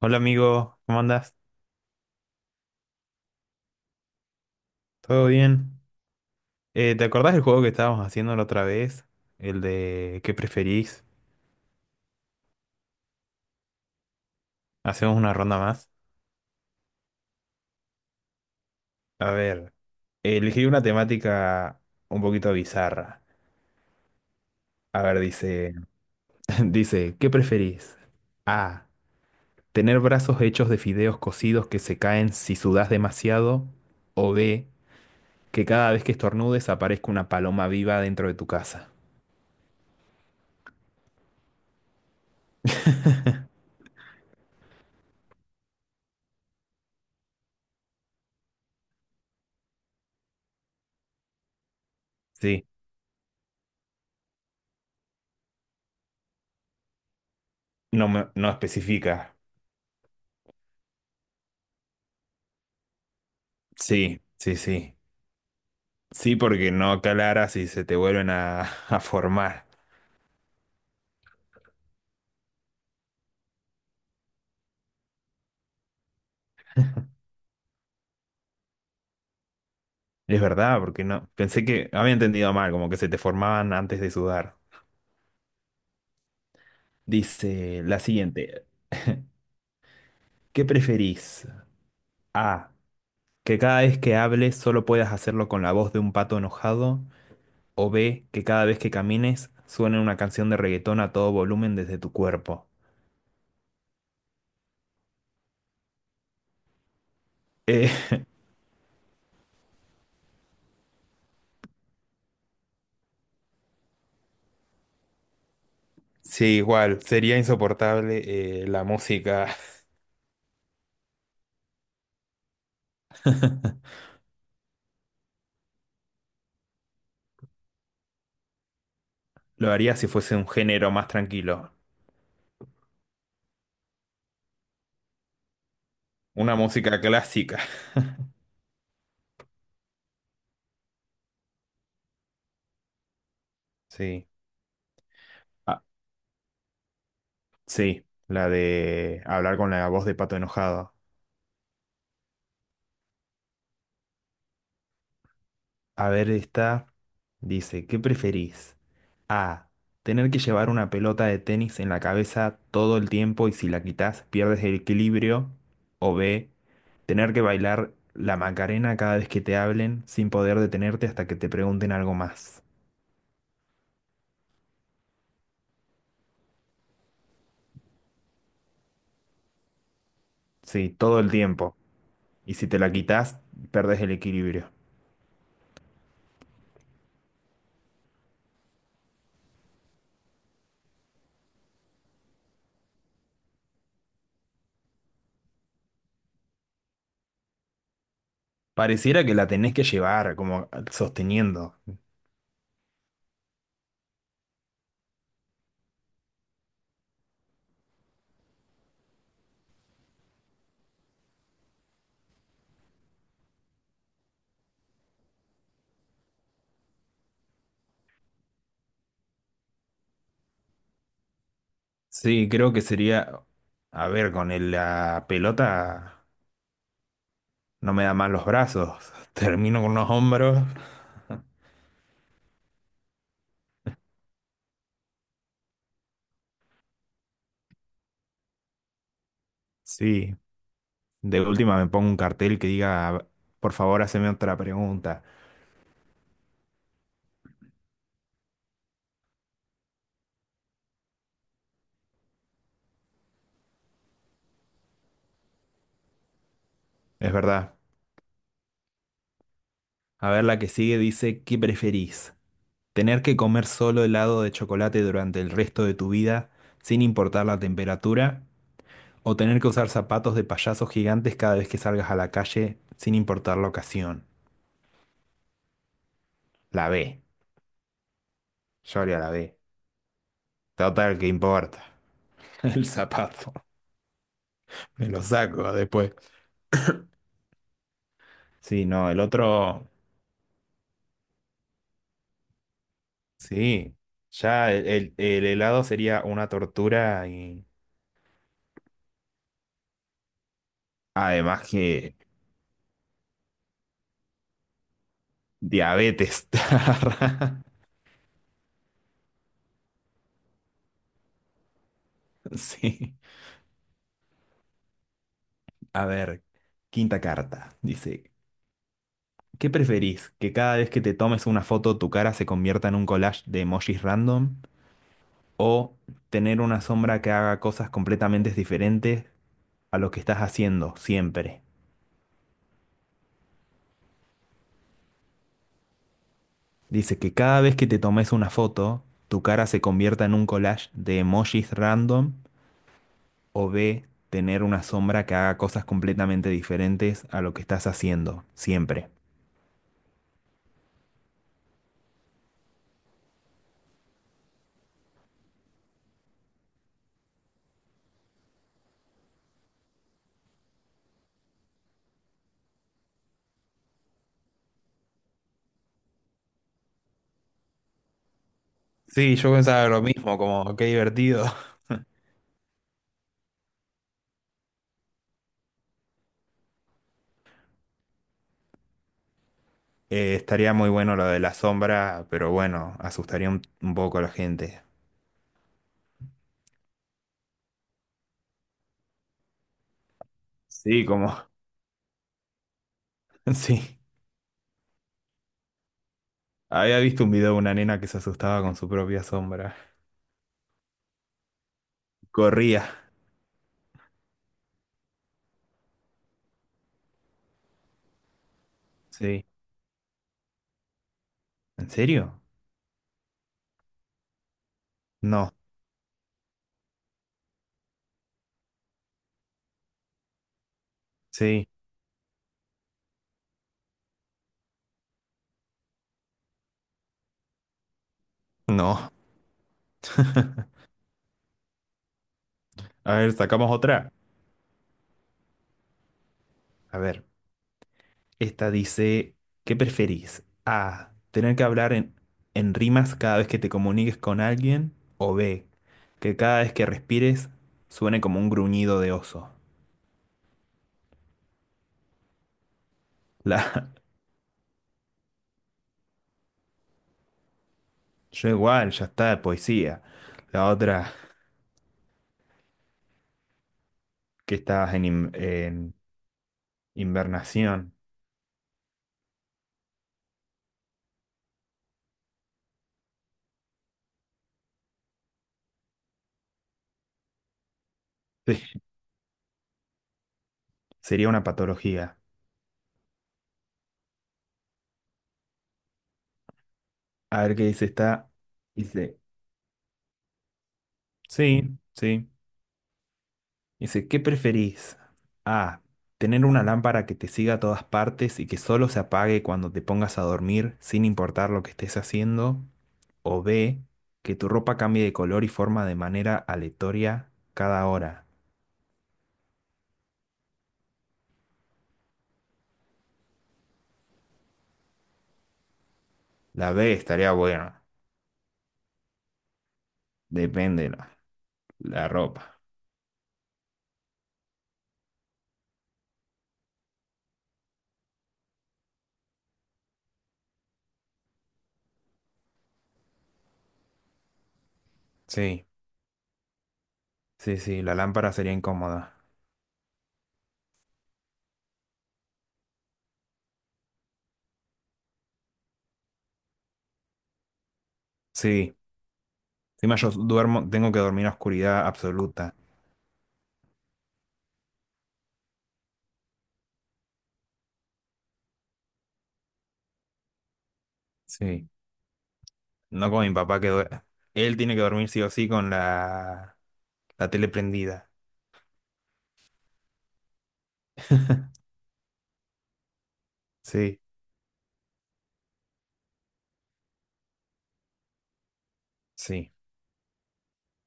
Hola amigo, ¿cómo andás? ¿Todo bien? ¿Te acordás del juego que estábamos haciendo la otra vez? El de ¿qué preferís? Hacemos una ronda más. A ver, elegí una temática un poquito bizarra. A ver, dice, dice, ¿qué preferís? A, tener brazos hechos de fideos cocidos que se caen si sudás demasiado, o B, que cada vez que estornudes aparezca una paloma viva dentro de tu casa. Sí, no especifica. Sí, sí, sí. Sí, porque no calaras y se te vuelven a, a formar. Es verdad, porque no. Pensé que había entendido mal, como que se te formaban antes de sudar. Dice la siguiente. ¿Qué preferís? A. Que cada vez que hables solo puedas hacerlo con la voz de un pato enojado. O B. Que cada vez que camines suene una canción de reggaetón a todo volumen desde tu cuerpo. Eh, sí, igual. Sería insoportable la música. Lo haría si fuese un género más tranquilo. Una música clásica. Sí. Ah, sí, la de hablar con la voz de pato enojado. A ver, esta dice, ¿qué preferís? A, tener que llevar una pelota de tenis en la cabeza todo el tiempo y si la quitas pierdes el equilibrio. O B, tener que bailar la Macarena cada vez que te hablen sin poder detenerte hasta que te pregunten algo más. Sí, todo el tiempo. Y si te la quitas, perdes el equilibrio. Pareciera que la tenés que llevar como sosteniendo. Sí, creo que sería, a ver, la pelota no me da mal los brazos, termino con unos hombros. Sí, de última me pongo un cartel que diga, por favor, haceme otra pregunta. Es verdad. A ver, la que sigue dice, ¿qué preferís? ¿Tener que comer solo helado de chocolate durante el resto de tu vida, sin importar la temperatura? ¿O tener que usar zapatos de payasos gigantes cada vez que salgas a la calle, sin importar la ocasión? La B. Yo haría la B. Total, que importa. El zapato. Me lo saco después. Sí, no, el otro. Sí. Ya el helado sería una tortura y. Además que. Diabetes. Sí. A ver. Quinta carta. Dice: ¿Qué preferís? ¿Que cada vez que te tomes una foto tu cara se convierta en un collage de emojis random? ¿O tener una sombra que haga cosas completamente diferentes a lo que estás haciendo siempre? Dice que cada vez que te tomes una foto, tu cara se convierta en un collage de emojis random o B, tener una sombra que haga cosas completamente diferentes a lo que estás haciendo, siempre. Sí, yo pensaba lo mismo, como qué divertido. Estaría muy bueno lo de la sombra, pero bueno, asustaría un poco a la gente. Sí, como... Sí. Había visto un video de una nena que se asustaba con su propia sombra. Corría. Sí. ¿En serio? No. Sí. No. A ver, sacamos otra. A ver, esta dice, ¿qué preferís? A, tener que hablar en rimas cada vez que te comuniques con alguien, o B, que cada vez que respires suene como un gruñido de oso. La, yo igual, ya está, poesía. La otra, que estabas en invernación. Sí, sería una patología. A ver qué dice esta. Dice, sí, sí. Dice, ¿qué preferís? A. Tener una lámpara que te siga a todas partes y que solo se apague cuando te pongas a dormir, sin importar lo que estés haciendo. O B. Que tu ropa cambie de color y forma de manera aleatoria cada hora. La B estaría buena. Depende la ropa. Sí, sí, sí, la lámpara sería incómoda. Sí, encima yo duermo, tengo que dormir en oscuridad absoluta. Sí, no como mi papá que duerme. Él tiene que dormir sí o sí con la La tele prendida. Sí, sí.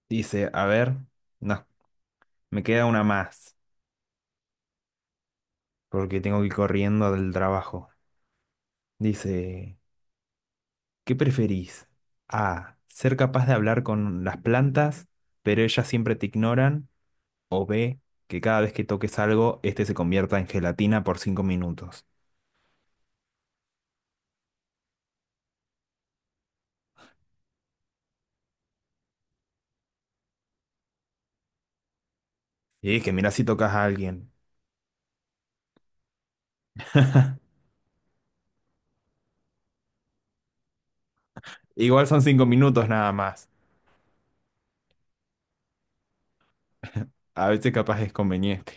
Dice, a ver, no, me queda una más, porque tengo que ir corriendo del trabajo. Dice, ¿qué preferís? A, ser capaz de hablar con las plantas, pero ellas siempre te ignoran, o B, que cada vez que toques algo, este se convierta en gelatina por 5 minutos. Y es que mirá si tocas a alguien. Igual son 5 minutos nada más. A veces capaz es conveniente.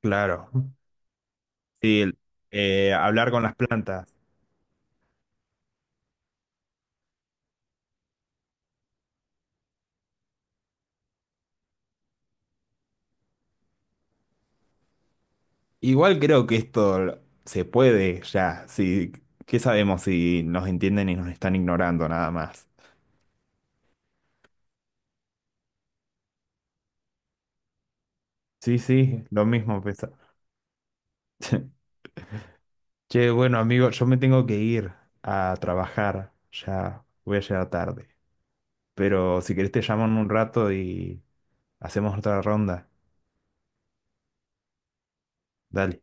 Claro. Sí, hablar con las plantas. Igual creo que esto se puede ya, si ¿Qué sabemos si nos entienden y nos están ignorando nada más? Sí, sí, lo mismo pesa. Che, bueno, amigo, yo me tengo que ir a trabajar, ya voy a llegar tarde. Pero si querés te llamo en un rato y hacemos otra ronda. Dale.